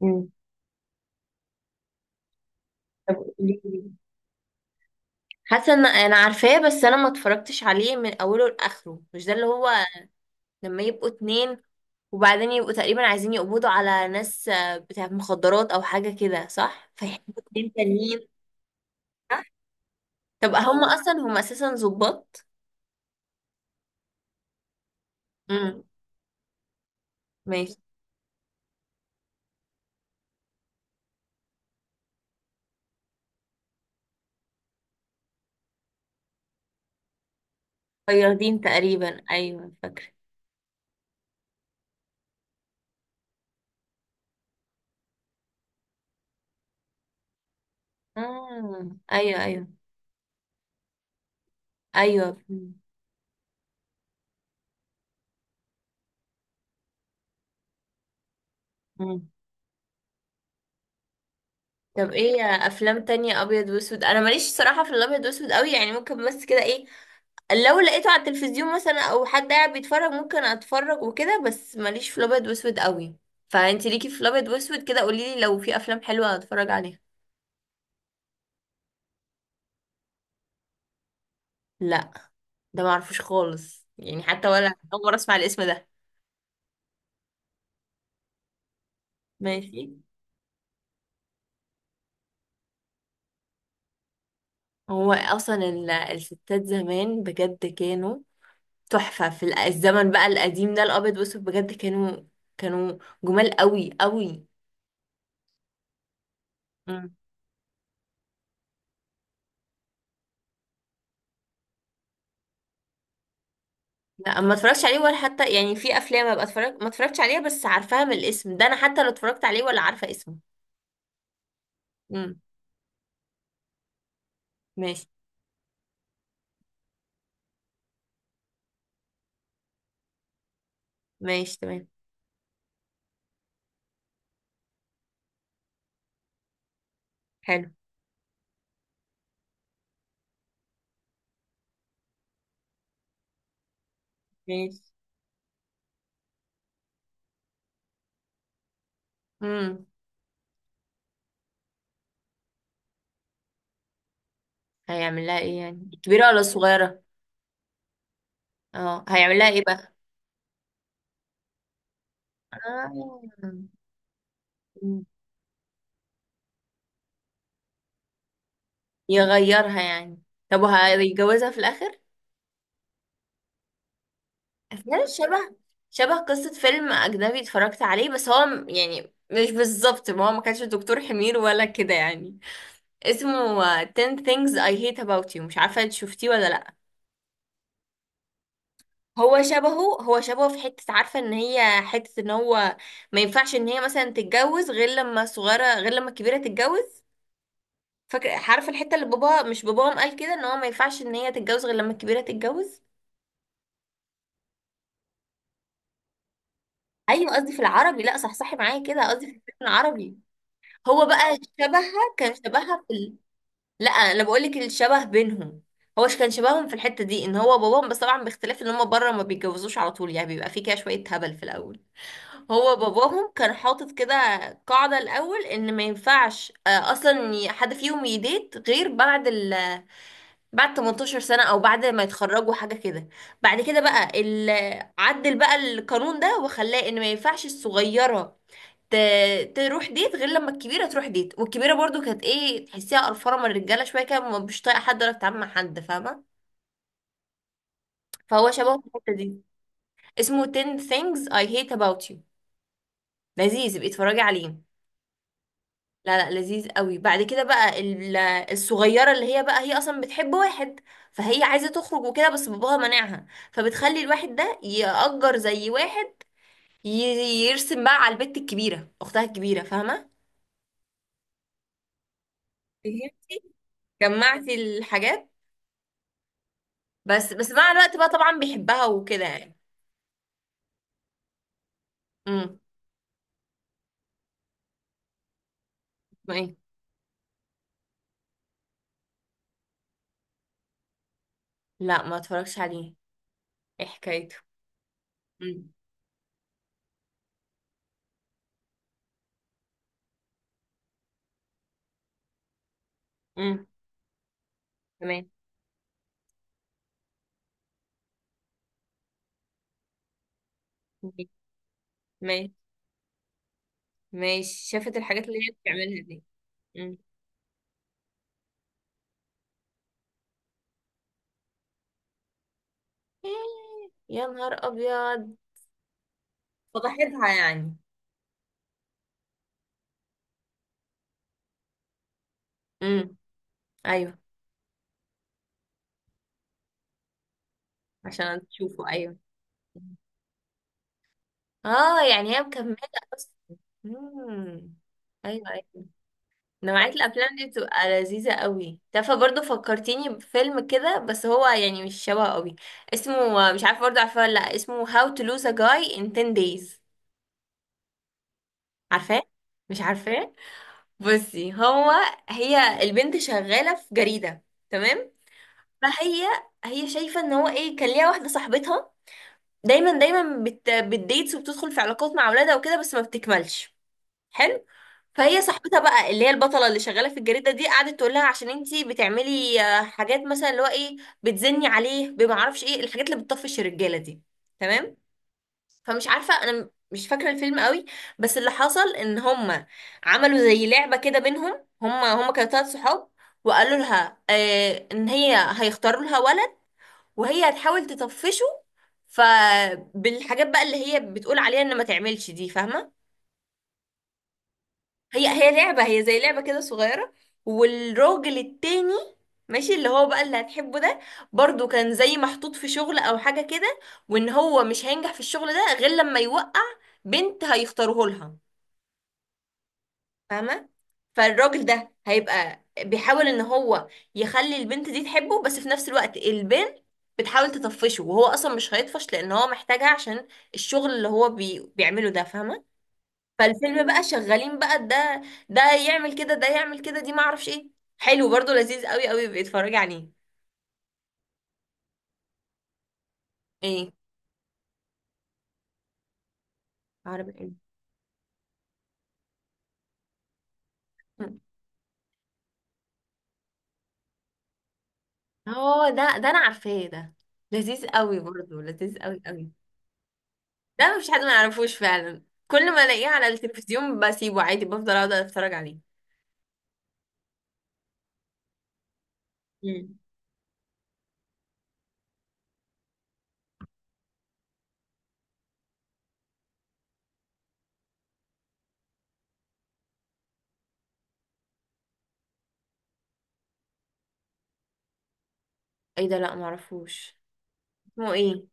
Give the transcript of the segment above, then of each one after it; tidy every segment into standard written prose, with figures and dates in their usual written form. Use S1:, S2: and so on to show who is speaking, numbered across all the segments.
S1: مم. طب قولي لي. حاسه ان انا عارفاه، بس انا ما اتفرجتش عليه من اوله لاخره. مش ده اللي هو لما يبقوا اتنين وبعدين يبقوا تقريبا عايزين يقبضوا على ناس بتاعت مخدرات او حاجه كده، صح؟ فيحبوا اتنين تانيين. صح. طب هم اساسا ظباط. امم. ماشي. فياضين تقريبا، ايوه فاكره. امم. ايوه، ايوه، ايوه. امم. طب ايه افلام تانية ابيض واسود؟ انا ماليش صراحه في الابيض واسود قوي، يعني ممكن بس كده، ايه؟ لو لقيته على التلفزيون مثلا، او حد قاعد بيتفرج، ممكن اتفرج وكده، بس ماليش في الابيض واسود قوي. فانتي ليكي في الابيض واسود كده، قوليلي لو في افلام حلوه اتفرج عليها. لا، ده معرفوش خالص، يعني حتى ولا اول مره اسمع الاسم ده. ماشي. هو اصلا الستات زمان بجد كانوا تحفه في الزمن، بقى القديم ده الابيض واسود بجد كانوا كانوا جمال قوي قوي. لا، ما اتفرجتش عليه ولا حتى يعني في افلام ابقى اتفرج، ما اتفرجتش عليها بس عارفاها من الاسم ده، انا حتى لو اتفرجت عليه ولا عارفه اسمه. امم. ماشي. ماشي. تمام. حلو. ماشي. امم. هيعمل لها ايه يعني، كبيره ولا صغيره؟ اه، هيعمل لها ايه بقى؟ آه. مم. يغيرها يعني. طب وهيتجوزها في الاخر؟ افلام شبه قصه فيلم اجنبي اتفرجت عليه، بس هو يعني مش بالظبط. ما هو ما كانش دكتور حمير ولا كده يعني. اسمه 10 things I hate about you، مش عارفة انت شفتيه ولا لأ. هو شبهه في حتة، عارفة ان هي حتة ان هو ما ينفعش ان هي مثلا تتجوز غير لما صغيرة، غير لما الكبيرة تتجوز. فاكرة، عارفة الحتة اللي بابا، مش باباهم، قال كده ان هو ما ينفعش ان هي تتجوز غير لما الكبيرة تتجوز. ايوه، قصدي في العربي. لا، صحصحي معايا كده، قصدي في الفيلم العربي. هو بقى شبهها كان شبهها لا، انا بقول لك الشبه بينهم. هو كان شبههم في الحته دي ان هو باباهم، بس طبعا باختلاف ان هم بره ما بيتجوزوش على طول، يعني بيبقى في كده شويه هبل في الاول. هو باباهم كان حاطط كده قاعده الاول ان ما ينفعش، اصلا حد فيهم يديت غير بعد ال بعد 18 سنه او بعد ما يتخرجوا حاجه كده. بعد كده بقى عدل بقى القانون ده وخلاه ان ما ينفعش الصغيره تروح ديت غير لما الكبيره تروح ديت. والكبيره برضو كانت ايه، تحسيها قرفانه من الرجاله شويه كده، مش طايقه حد ولا بتتعامل مع حد، فاهمه؟ فهو شبهه في الحته دي. اسمه 10 things I hate about you، لذيذ ابقي اتفرجي عليه. لا لا، لذيذ قوي. بعد كده بقى الصغيره اللي هي بقى هي اصلا بتحب واحد، فهي عايزه تخرج وكده بس باباها مانعها. فبتخلي الواحد ده يأجر زي واحد ي- يرسم بقى على البت الكبيره، اختها الكبيره، فاهمه؟ فهمتي؟ جمعتي الحاجات. بس مع الوقت بقى طبعا بيحبها وكده يعني. امم. ما ايه. لا، ما اتفرجش عليه. ايه حكايته؟ امم. امم. تمام. ماشي. ماشي، شافت الحاجات اللي هي بتعملها دي. امم. إيه. يا نهار ابيض. فضحتها يعني. امم. ايوه، عشان تشوفه. ايوه. اه، يعني هي مكمله اصلا. امم. ايوه، ايوه. نوعية الأفلام دي بتبقى لذيذة قوي. تعرفي برضه فكرتيني بفيلم كده، بس هو يعني مش شبه قوي. اسمه، مش عارفة برضه عارفاه ولا لأ، اسمه How to Lose a Guy in 10 Days. عارفاه؟ مش عارفاه؟ بصي هو، هي البنت شغالة في جريدة، تمام؟ فهي، هي شايفة ان هو ايه، كان ليها واحدة صاحبتها دايما دايما بتديتس وبتدخل في علاقات مع اولادها وكده بس ما بتكملش. حلو. فهي صاحبتها بقى، اللي هي البطله اللي شغاله في الجريده دي، قعدت تقول لها عشان انتي بتعملي حاجات مثلا، اللي هو ايه، بتزني عليه، بما اعرفش ايه الحاجات اللي بتطفش الرجاله دي. تمام. فمش عارفه انا مش فاكره الفيلم قوي. بس اللي حصل ان هما عملوا زي لعبه كده بينهم، هما كانوا 3 صحاب، وقالوا لها ان هي هيختاروا لها ولد وهي هتحاول تطفشه. فبالحاجات بقى اللي هي بتقول عليها ان ما تعملش دي، فاهمه؟ هي لعبة، هي زي لعبة كده صغيرة. والراجل التاني، ماشي، اللي هو بقى اللي هتحبه ده، برضو كان زي محطوط في شغل او حاجة كده، وان هو مش هينجح في الشغل ده غير لما يوقع بنت هيختاروه لها، فاهمة؟ فالراجل ده هيبقى بيحاول ان هو يخلي البنت دي تحبه، بس في نفس الوقت البنت بتحاول تطفشه، وهو اصلا مش هيطفش لان هو محتاجها عشان الشغل اللي هو بيعمله ده، فاهمة؟ فالفيلم بقى شغالين بقى، ده يعمل كده، ده يعمل كده، دي ما اعرفش ايه. حلو برضو، لذيذ قوي قوي بيتفرج عليه. ايه؟ عربي ايه؟ اه، ده انا عارفاه ده. لذيذ قوي برضو، لذيذ قوي قوي. ده مش حد ما يعرفوش فعلا. كل ما الاقيه على التلفزيون بسيبه عادي، بفضل اقعد اتفرج عليه. امم. ايه ده؟ لا، ما اعرفوش. اسمه ايه؟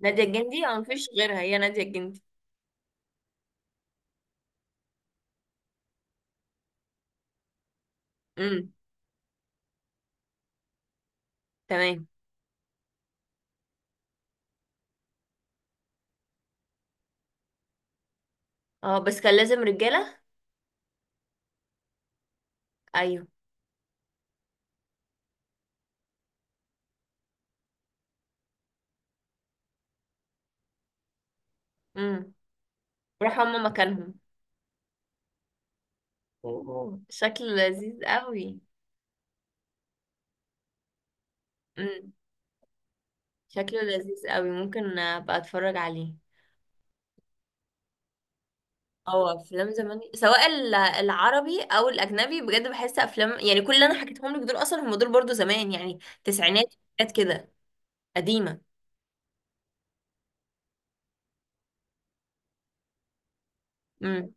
S1: نادية الجندي؟ او مفيش غيرها، هي نادية الجندي. امم. تمام. اه بس كان لازم رجالة. ايوه. امم. راحوا هما مكانهم. أوه. شكله لذيذ قوي. امم. شكله لذيذ قوي، ممكن ابقى اتفرج عليه. اه افلام زمان، سواء العربي او الاجنبي، بجد بحس افلام يعني كل اللي انا حكيتهم لك دول اصلا هم دول برضو زمان، يعني تسعينات، حاجات كده قديمه. امم.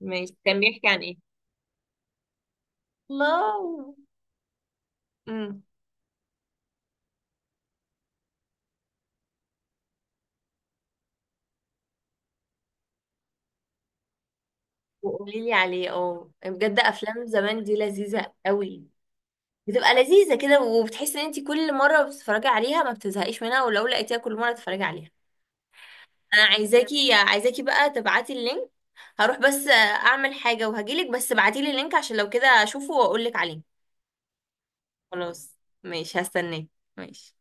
S1: ماشي، كان بيحكي عن ايه؟ الله. امم. وقولي لي عليه، اه بجد افلام زمان دي لذيذه قوي. بتبقى لذيذه كده، وبتحس ان انت كل مره بتتفرجي عليها ما بتزهقيش منها، ولو لقيتيها كل مره تتفرجي عليها. انا عايزاكي بقى تبعتي اللينك. هروح بس اعمل حاجة وهجيلك، بس ابعتيلي اللينك عشان لو كده اشوفه واقولك عليه. خلاص ماشي، هستناك. ماشي.